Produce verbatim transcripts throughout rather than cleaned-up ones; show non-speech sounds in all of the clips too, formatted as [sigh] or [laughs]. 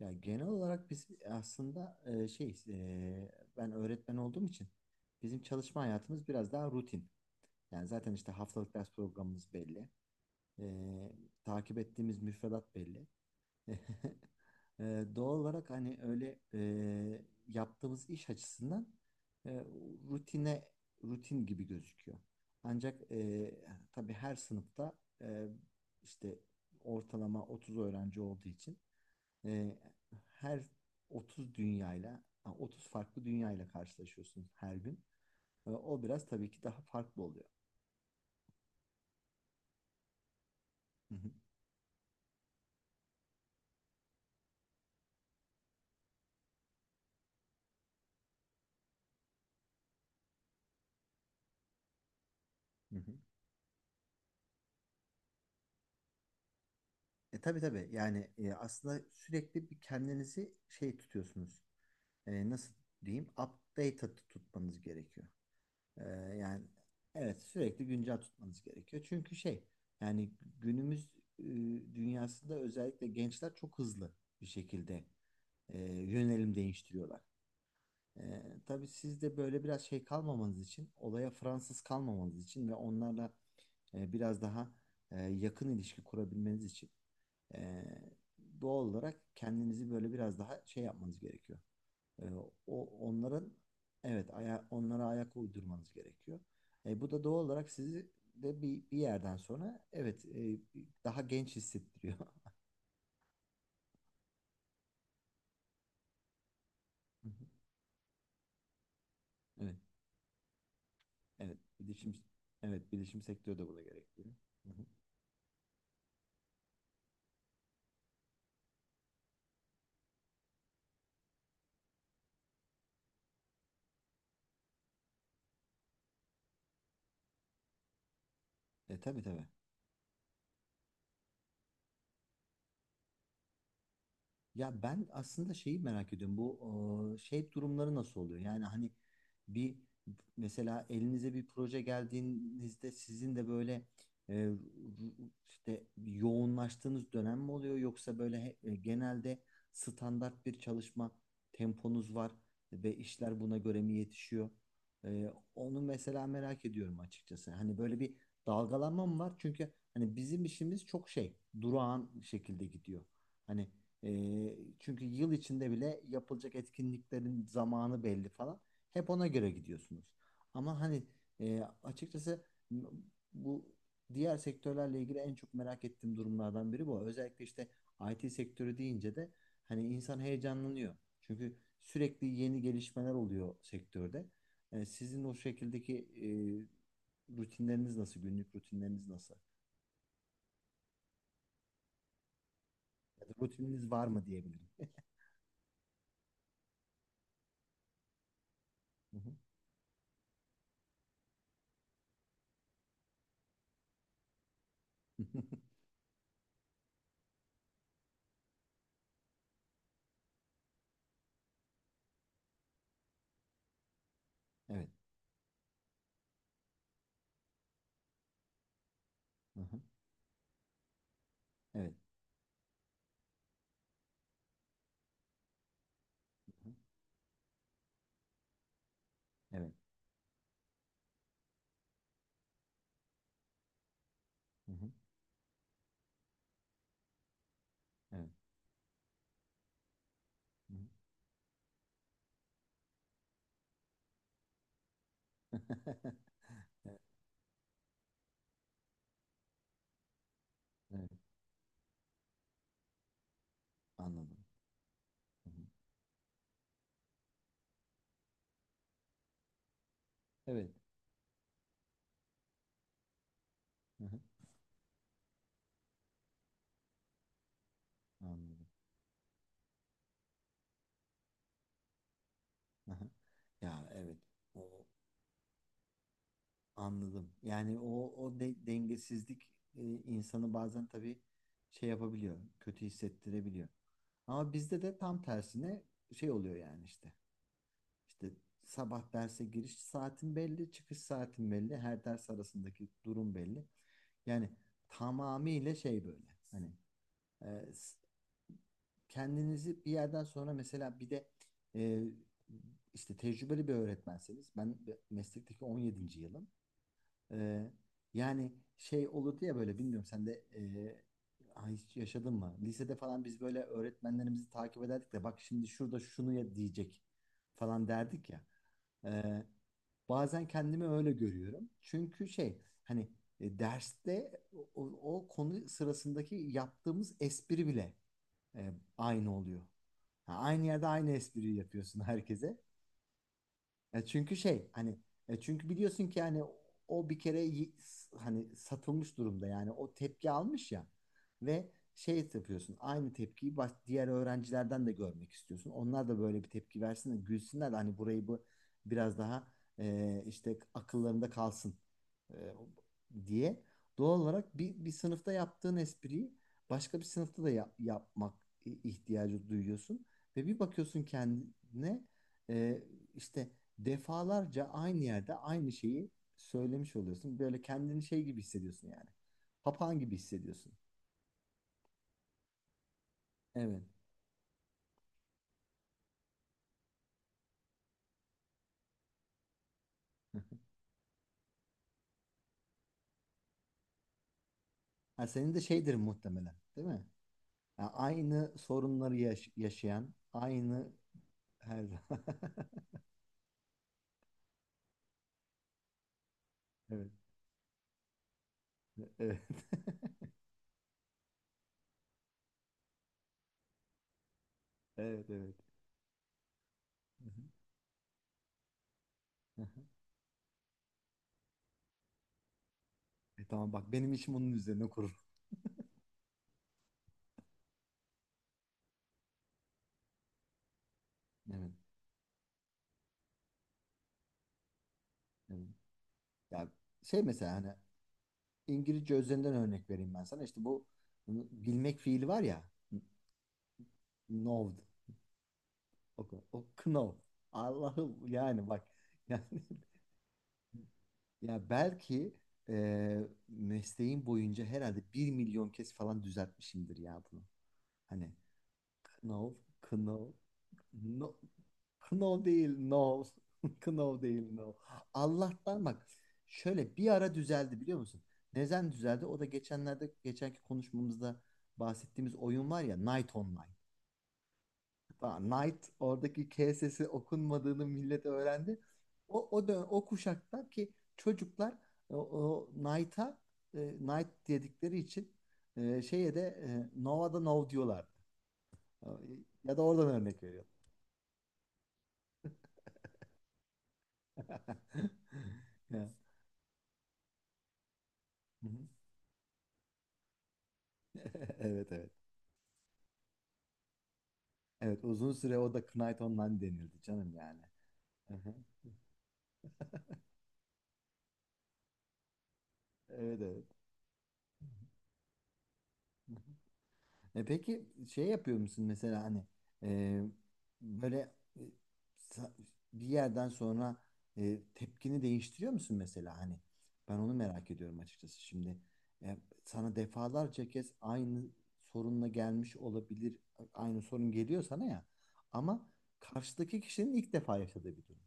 Ya genel olarak biz aslında e, şey e, ben öğretmen olduğum için bizim çalışma hayatımız biraz daha rutin. Yani zaten işte haftalık ders programımız belli. E, Takip ettiğimiz müfredat belli. [laughs] E, Doğal olarak hani öyle e, yaptığımız iş açısından e, rutine rutin gibi gözüküyor. Ancak e, tabii her sınıfta e, işte ortalama otuz öğrenci olduğu için e, her 30 dünyayla, ha, otuz farklı dünyayla karşılaşıyorsun her gün. E, o biraz tabii ki daha farklı oluyor. Hı hı, hı hı. E, tabii tabii yani e, aslında sürekli bir kendinizi şey tutuyorsunuz. E, nasıl diyeyim? Updated tutmanız gerekiyor. E, Yani evet sürekli güncel tutmanız gerekiyor. Çünkü şey yani günümüz e, dünyasında özellikle gençler çok hızlı bir şekilde e, yönelim değiştiriyorlar. Ee, tabii siz de böyle biraz şey kalmamanız için, olaya Fransız kalmamanız için ve onlarla e, biraz daha e, yakın ilişki kurabilmeniz için e, doğal olarak kendinizi böyle biraz daha şey yapmanız gerekiyor. E, o onların evet aya, onlara ayak uydurmanız gerekiyor. E, bu da doğal olarak sizi de bir, bir yerden sonra, evet e, daha genç hissettiriyor. [laughs] Hı hı. Evet, evet bilişim evet bilişim sektörü de buna gerektiriyor. Hı hı. E, tabii tabii. Ya ben aslında şeyi merak ediyorum. Bu e, şey durumları nasıl oluyor? Yani hani bir mesela elinize bir proje geldiğinizde sizin de böyle e, ru- işte yoğunlaştığınız dönem mi oluyor, yoksa böyle he- e, genelde standart bir çalışma temponuz var ve işler buna göre mi yetişiyor? E, onu mesela merak ediyorum açıkçası. Hani böyle bir dalgalanma mı var? Çünkü hani bizim işimiz çok şey, durağan şekilde gidiyor. Hani ee, çünkü yıl içinde bile yapılacak etkinliklerin zamanı belli falan. Hep ona göre gidiyorsunuz. Ama hani e, açıkçası m- bu diğer sektörlerle ilgili en çok merak ettiğim durumlardan biri bu. Özellikle işte I T sektörü deyince de hani insan heyecanlanıyor. Çünkü sürekli yeni gelişmeler oluyor sektörde. E, sizin o şekildeki e, rutinleriniz nasıl? Günlük rutinleriniz nasıl? Ya da rutininiz var mı diyebilirim. Hı hı. [laughs] Evet. Hı hı. Evet. Hı hı. Evet. Hı hı. Evet. Hı hı. [laughs] Evet. Anladım. Hı hı. Evet. Hı hı. Anladım. Hı hı. Ya, evet. O, anladım. Yani o o de- dengesizlik e, insanı bazen tabii şey yapabiliyor, kötü hissettirebiliyor. Ama bizde de tam tersine şey oluyor yani, işte. İşte sabah derse giriş saatin belli, çıkış saatin belli, her ders arasındaki durum belli. Yani tamamıyla şey böyle. Hani Ee, s- kendinizi bir yerden sonra, mesela bir de e, işte tecrübeli bir öğretmenseniz, ben meslekteki on yedinci yılım. Ee, Yani şey olurdu ya böyle, bilmiyorum sen de e, ha, hiç yaşadın mı? Lisede falan biz böyle öğretmenlerimizi takip ederdik de, bak şimdi şurada şunu ya diyecek falan derdik ya. Ee, Bazen kendimi öyle görüyorum. Çünkü şey hani e, derste o, o- o konu sırasındaki yaptığımız espri bile e, aynı oluyor. Ha, aynı yerde aynı espriyi yapıyorsun herkese. E çünkü şey hani e Çünkü biliyorsun ki hani o bir kere yi- s- hani satılmış durumda yani, o tepki almış ya, ve şey yapıyorsun, aynı tepkiyi baş- diğer öğrencilerden de görmek istiyorsun. Onlar da böyle bir tepki versin de gülsünler de hani, burayı bu biraz daha e, işte akıllarında kalsın e, diye. Doğal olarak bir, bir sınıfta yaptığın espriyi başka bir sınıfta da yap- yapmak i- ihtiyacı duyuyorsun ve bir bakıyorsun kendine e, işte defalarca aynı yerde aynı şeyi söylemiş oluyorsun. Böyle kendini şey gibi hissediyorsun yani. Papağan gibi hissediyorsun. Evet. [laughs] Ha, senin de şeydir muhtemelen, değil mi? Ya, aynı sorunları yaş- yaşayan, aynı, her zaman. [laughs] Evet. Evet. [laughs] Evet, evet. Hı hı. E, tamam bak, benim işim onun üzerine kurulu. Evet, evet. Ya şey, mesela hani İngilizce üzerinden örnek vereyim ben sana. İşte bu bilmek fiili var ya. Know. O, o Knopf. Allah'ım yani bak, [laughs] yani ya, belki e, mesleğim boyunca herhalde bir milyon kez falan düzeltmişimdir ya bunu. Hani Knopf, Knopf, no, Knopf değil, no. [laughs] Knopf değil, no. Allah'tan bak, şöyle bir ara düzeldi, biliyor musun? Neden düzeldi? O da geçenlerde, geçenki konuşmamızda bahsettiğimiz oyun var ya, Night Online. Daha Knight, oradaki K sesi okunmadığını millet öğrendi. O o dön o kuşakta ki çocuklar o, o Knight'a e, Knight dedikleri için e, şeye de e, Nova'da Nov diyorlardı. E, Ya da oradan örnek veriyorum. [laughs] Ya. Hı hı. [laughs] Evet, evet. Evet, uzun süre o da Knight Online denildi canım yani. Hı hı. Evet, evet. Hı hı. E peki şey yapıyor musun mesela, hani e, böyle e, sa- bir yerden sonra e, tepkini değiştiriyor musun, mesela hani ben onu merak ediyorum açıkçası şimdi. E, Sana defalarca kez aynı sorunla gelmiş olabilir, aynı sorun geliyor sana ya, ama karşıdaki kişinin ilk defa yaşadığı bir durum.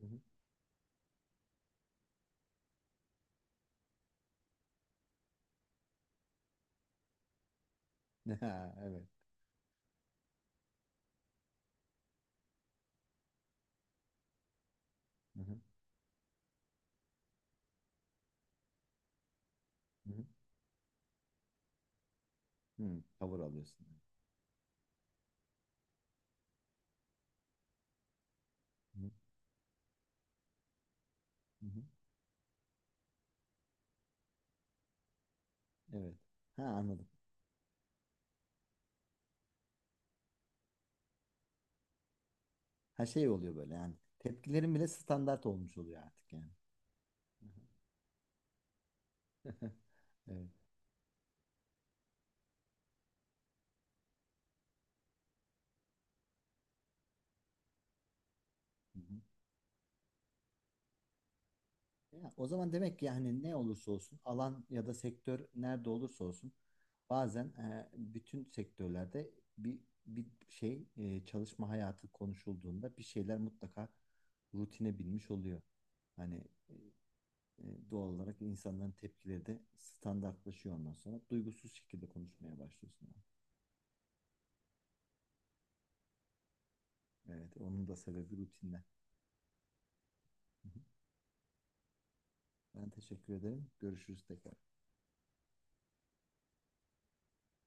Hı hı. [laughs] Ha, evet. Hı hı. Hı hı. Hı, tavır alıyorsun. Hı hı. Hı hı. Evet. Ha, anladım. Her şey oluyor böyle yani. Tepkilerim bile standart olmuş oluyor artık yani. Hı hı. [laughs] Evet. Hı hı. Ya, o zaman demek ki yani, ne olursa olsun alan ya da sektör nerede olursa olsun, bazen e, bütün sektörlerde bir bir şey e, çalışma hayatı konuşulduğunda bir şeyler mutlaka rutine binmiş oluyor. Hani e, e, doğal olarak insanların tepkileri de standartlaşıyor, ondan sonra duygusuz şekilde konuşmaya başlıyorsun, yani. Evet, onun da sebebi rutinler. Ben teşekkür ederim. Görüşürüz tekrar.